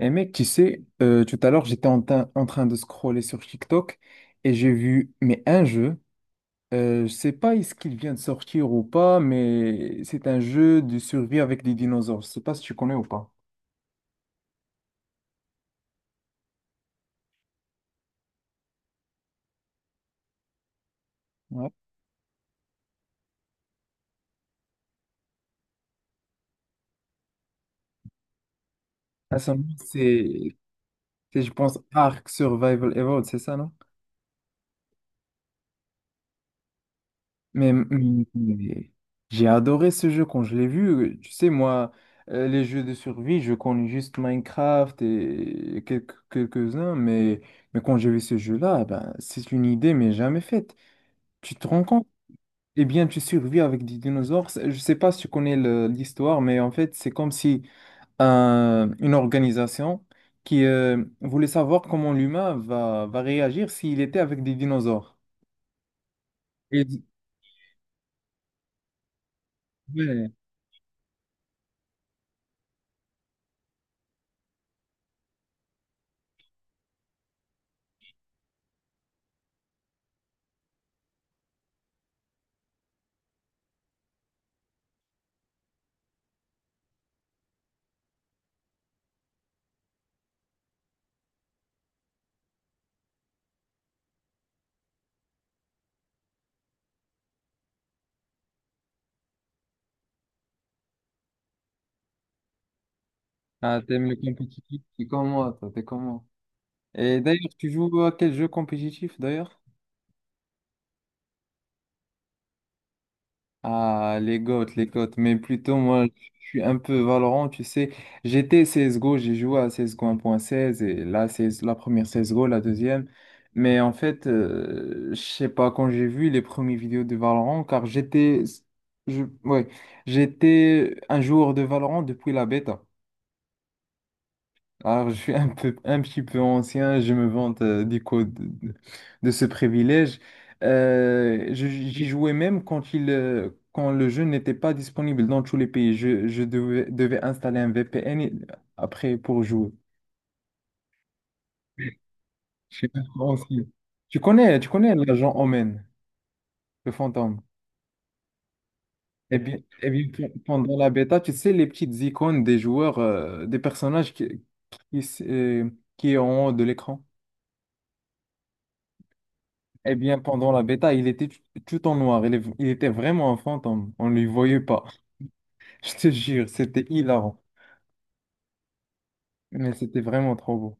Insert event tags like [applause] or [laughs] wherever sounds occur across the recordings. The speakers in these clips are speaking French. Et mec, tu sais, tout à l'heure, j'étais en train de scroller sur TikTok et j'ai vu, mais un jeu, je sais pas est-ce qu'il vient de sortir ou pas, mais c'est un jeu de survie avec des dinosaures. Je sais pas si tu connais ou pas. Ouais. Ah, ça, c'est, c'est, je pense, Ark Survival Evolved, c'est ça, non? Mais j'ai adoré ce jeu quand je l'ai vu. Tu sais, moi, les jeux de survie, je connais juste Minecraft et quelques-uns, mais quand j'ai vu ce jeu-là, ben, c'est une idée, mais jamais faite. Tu te rends compte? Eh bien, tu survis avec des dinosaures. Je sais pas si tu connais l'histoire, mais en fait, c'est comme si une organisation qui voulait savoir comment l'humain va réagir s'il était avec des dinosaures. Et- Ouais. Ah, t'aimes le compétitif? T'es comme moi, toi, t'es comme moi. Et d'ailleurs, tu joues à quel jeu compétitif, d'ailleurs? Ah, les GOAT, les GOAT. Mais plutôt, moi, je suis un peu Valorant, tu sais. J'étais CSGO, j'ai joué à CSGO 1.16 et là, c'est la première CSGO, la deuxième. Mais en fait, je sais pas, quand j'ai vu les premières vidéos de Valorant, car j'étais... Ouais, j'étais un joueur de Valorant depuis la bêta. Alors, je suis un peu, un petit peu ancien, je me vante du coup de- de ce privilège. J'y jouais même quand le jeu n'était pas disponible dans tous les pays. Je devais installer un VPN après pour jouer. Je suis un peu ancien. Tu connais l'agent Omen, le fantôme. Eh bien, eh bien, pendant la bêta, tu sais, les petites icônes des joueurs, des personnages qui, s- euh, qui est en haut de l'écran. Eh bien, pendant la bêta, il était tout en noir. Il était vraiment un fantôme. On ne lui voyait pas. [laughs] Je te jure, c'était hilarant. Mais c'était vraiment trop beau.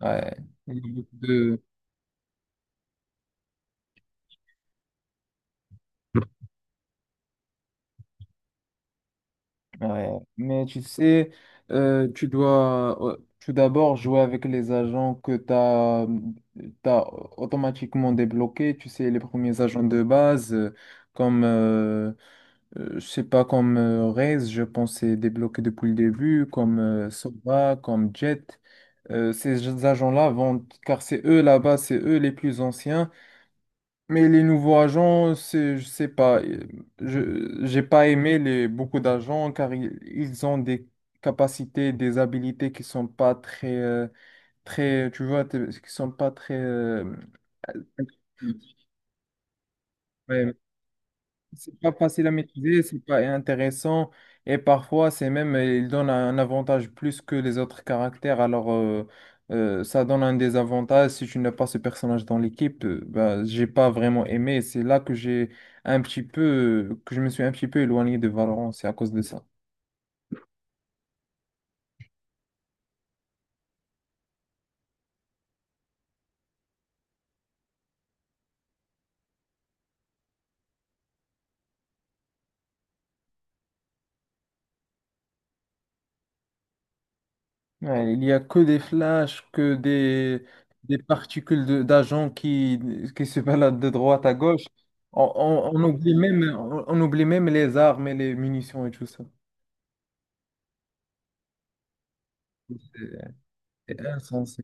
Ouais. Il y a beaucoup de- Ouais. Mais tu sais, tu dois tout d'abord jouer avec les agents que tu as, automatiquement débloqués. Tu sais, les premiers agents de base, comme c'est pas comme Rez, je pense, c'est débloqué depuis le début, comme Sova, comme Jet. Ces agents-là vont, car c'est eux là-bas, c'est eux les plus anciens. Mais les nouveaux agents, c'est, je sais pas, j'ai pas aimé beaucoup d'agents car ils ont des capacités, des habilités qui sont pas très, très, tu vois, qui sont pas très, Ouais, c'est pas facile à maîtriser, c'est pas intéressant et parfois c'est même il donne un avantage plus que les autres caractères. Alors ça donne un désavantage si tu n'as pas ce personnage dans l'équipe. Bah, j'ai pas vraiment aimé. C'est là que j'ai un petit peu, que je me suis un petit peu éloigné de Valorant. C'est à cause de ça. Ouais, il n'y a que des flashs, que des particules d'agents qui se baladent de droite à gauche. On oublie même les armes et les munitions et tout ça. C'est insensé.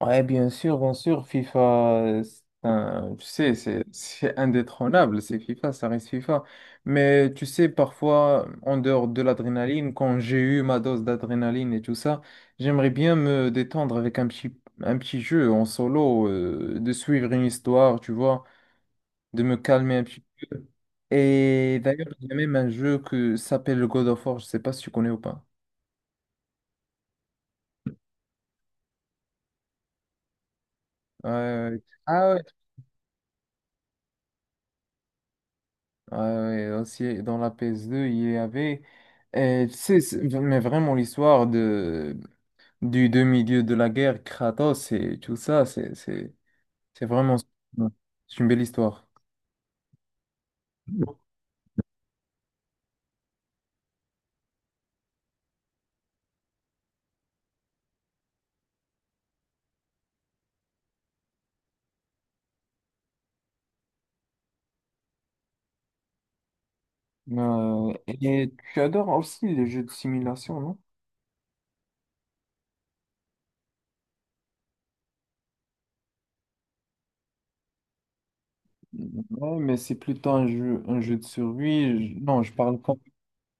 Ouais, bien sûr, FIFA, tu sais, c'est indétrônable, c'est FIFA, ça reste FIFA. Mais tu sais, parfois, en dehors de l'adrénaline, quand j'ai eu ma dose d'adrénaline et tout ça, j'aimerais bien me détendre avec un petit jeu en solo, de suivre une histoire, tu vois, de me calmer un petit. Et d'ailleurs, il y a même un jeu que s'appelle God of War, je sais pas si tu connais ou pas. Ouais, ouais. Ah ouais, ah ouais, aussi, dans la PS2, il y avait, tu sais, mais vraiment l'histoire du demi-dieu de la guerre, Kratos et tout ça, c'est vraiment, ouais, c'est une belle histoire. Et tu adores aussi les jeux de simulation, non? Ouais, mais c'est plutôt un jeu de survie. Non, je parle pas-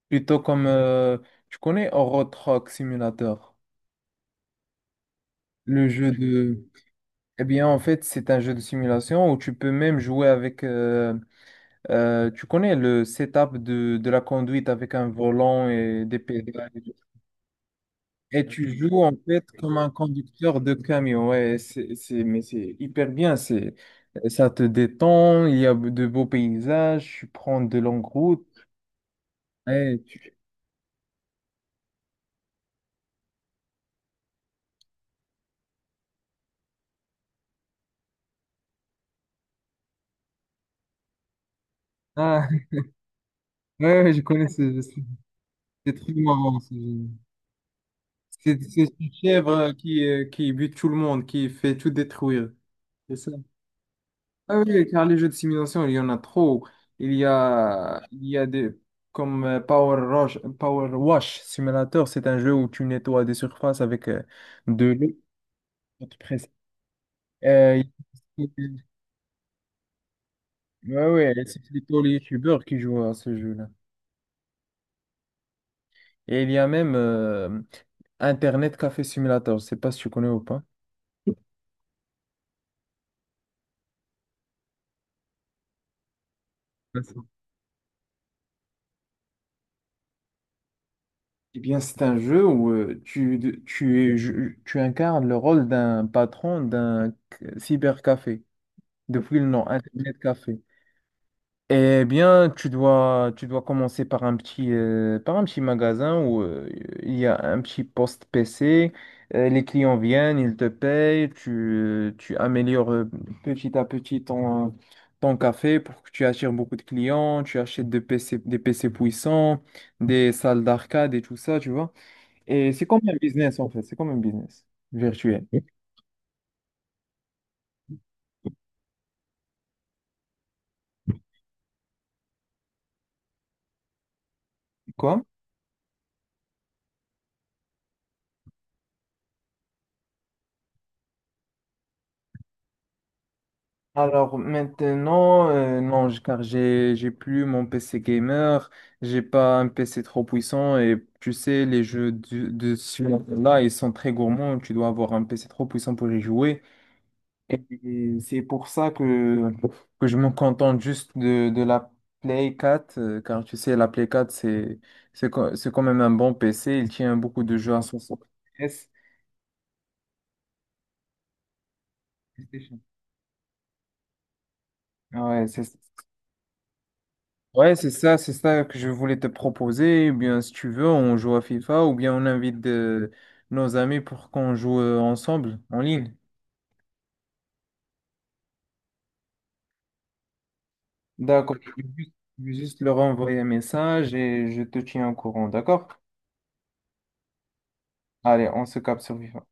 plutôt comme, tu connais Euro Truck Simulator, le jeu de... Eh bien, en fait, c'est un jeu de simulation où tu peux même jouer avec... tu connais le setup de la conduite avec un volant et des pédales. Et tout. Et tu joues en fait comme un conducteur de camion. Ouais, mais c'est hyper bien. Ça te détend, il y a de beaux paysages, tu prends de longues routes. Ouais, ah, [laughs] ouais, ouais, je connais c'est très marrant, ce jeu. C'est une chèvre qui bute tout le monde, qui fait tout détruire. Ah oui, car les jeux de simulation, il y en a trop. Il y a des, comme Power Wash Simulator, c'est un jeu où tu nettoies des surfaces avec de l'eau, pour te presser. Euh, il- ouais, ouais, c'est plutôt les youtubeurs qui jouent à ce jeu-là. Et il y a même Internet Café Simulator, je sais pas si tu connais ou pas. Vincent. Eh bien, c'est un jeu où tu incarnes le rôle d'un patron d'un cybercafé. Depuis le nom, Internet Café. Eh bien, tu dois commencer par un petit magasin où il y a un petit poste PC. Les clients viennent, ils te payent, tu améliores petit à petit ton café pour que tu attires beaucoup de clients. Tu achètes des PC, des PC puissants, des salles d'arcade et tout ça, tu vois. Et c'est comme un business en fait, c'est comme un business virtuel. Ok. Quoi? Alors maintenant, non, car j'ai plus mon PC gamer, j'ai pas un PC trop puissant et tu sais, les jeux de ce là ils sont très gourmands, tu dois avoir un PC trop puissant pour y jouer. Et, et c'est pour ça que je me contente juste de la Play quatre, car tu sais, la PS4 c'est quand même un bon PC, il tient beaucoup de jeux à son FPS. Ouais, c'est ça. Ouais, c'est ça que je voulais te proposer. Eh bien, si tu veux, on joue à FIFA ou bien on invite nos amis pour qu'on joue ensemble en ligne. D'accord. Je vais juste leur envoyer un message et je te tiens au courant, d'accord? Allez, on se capte sur FIFA.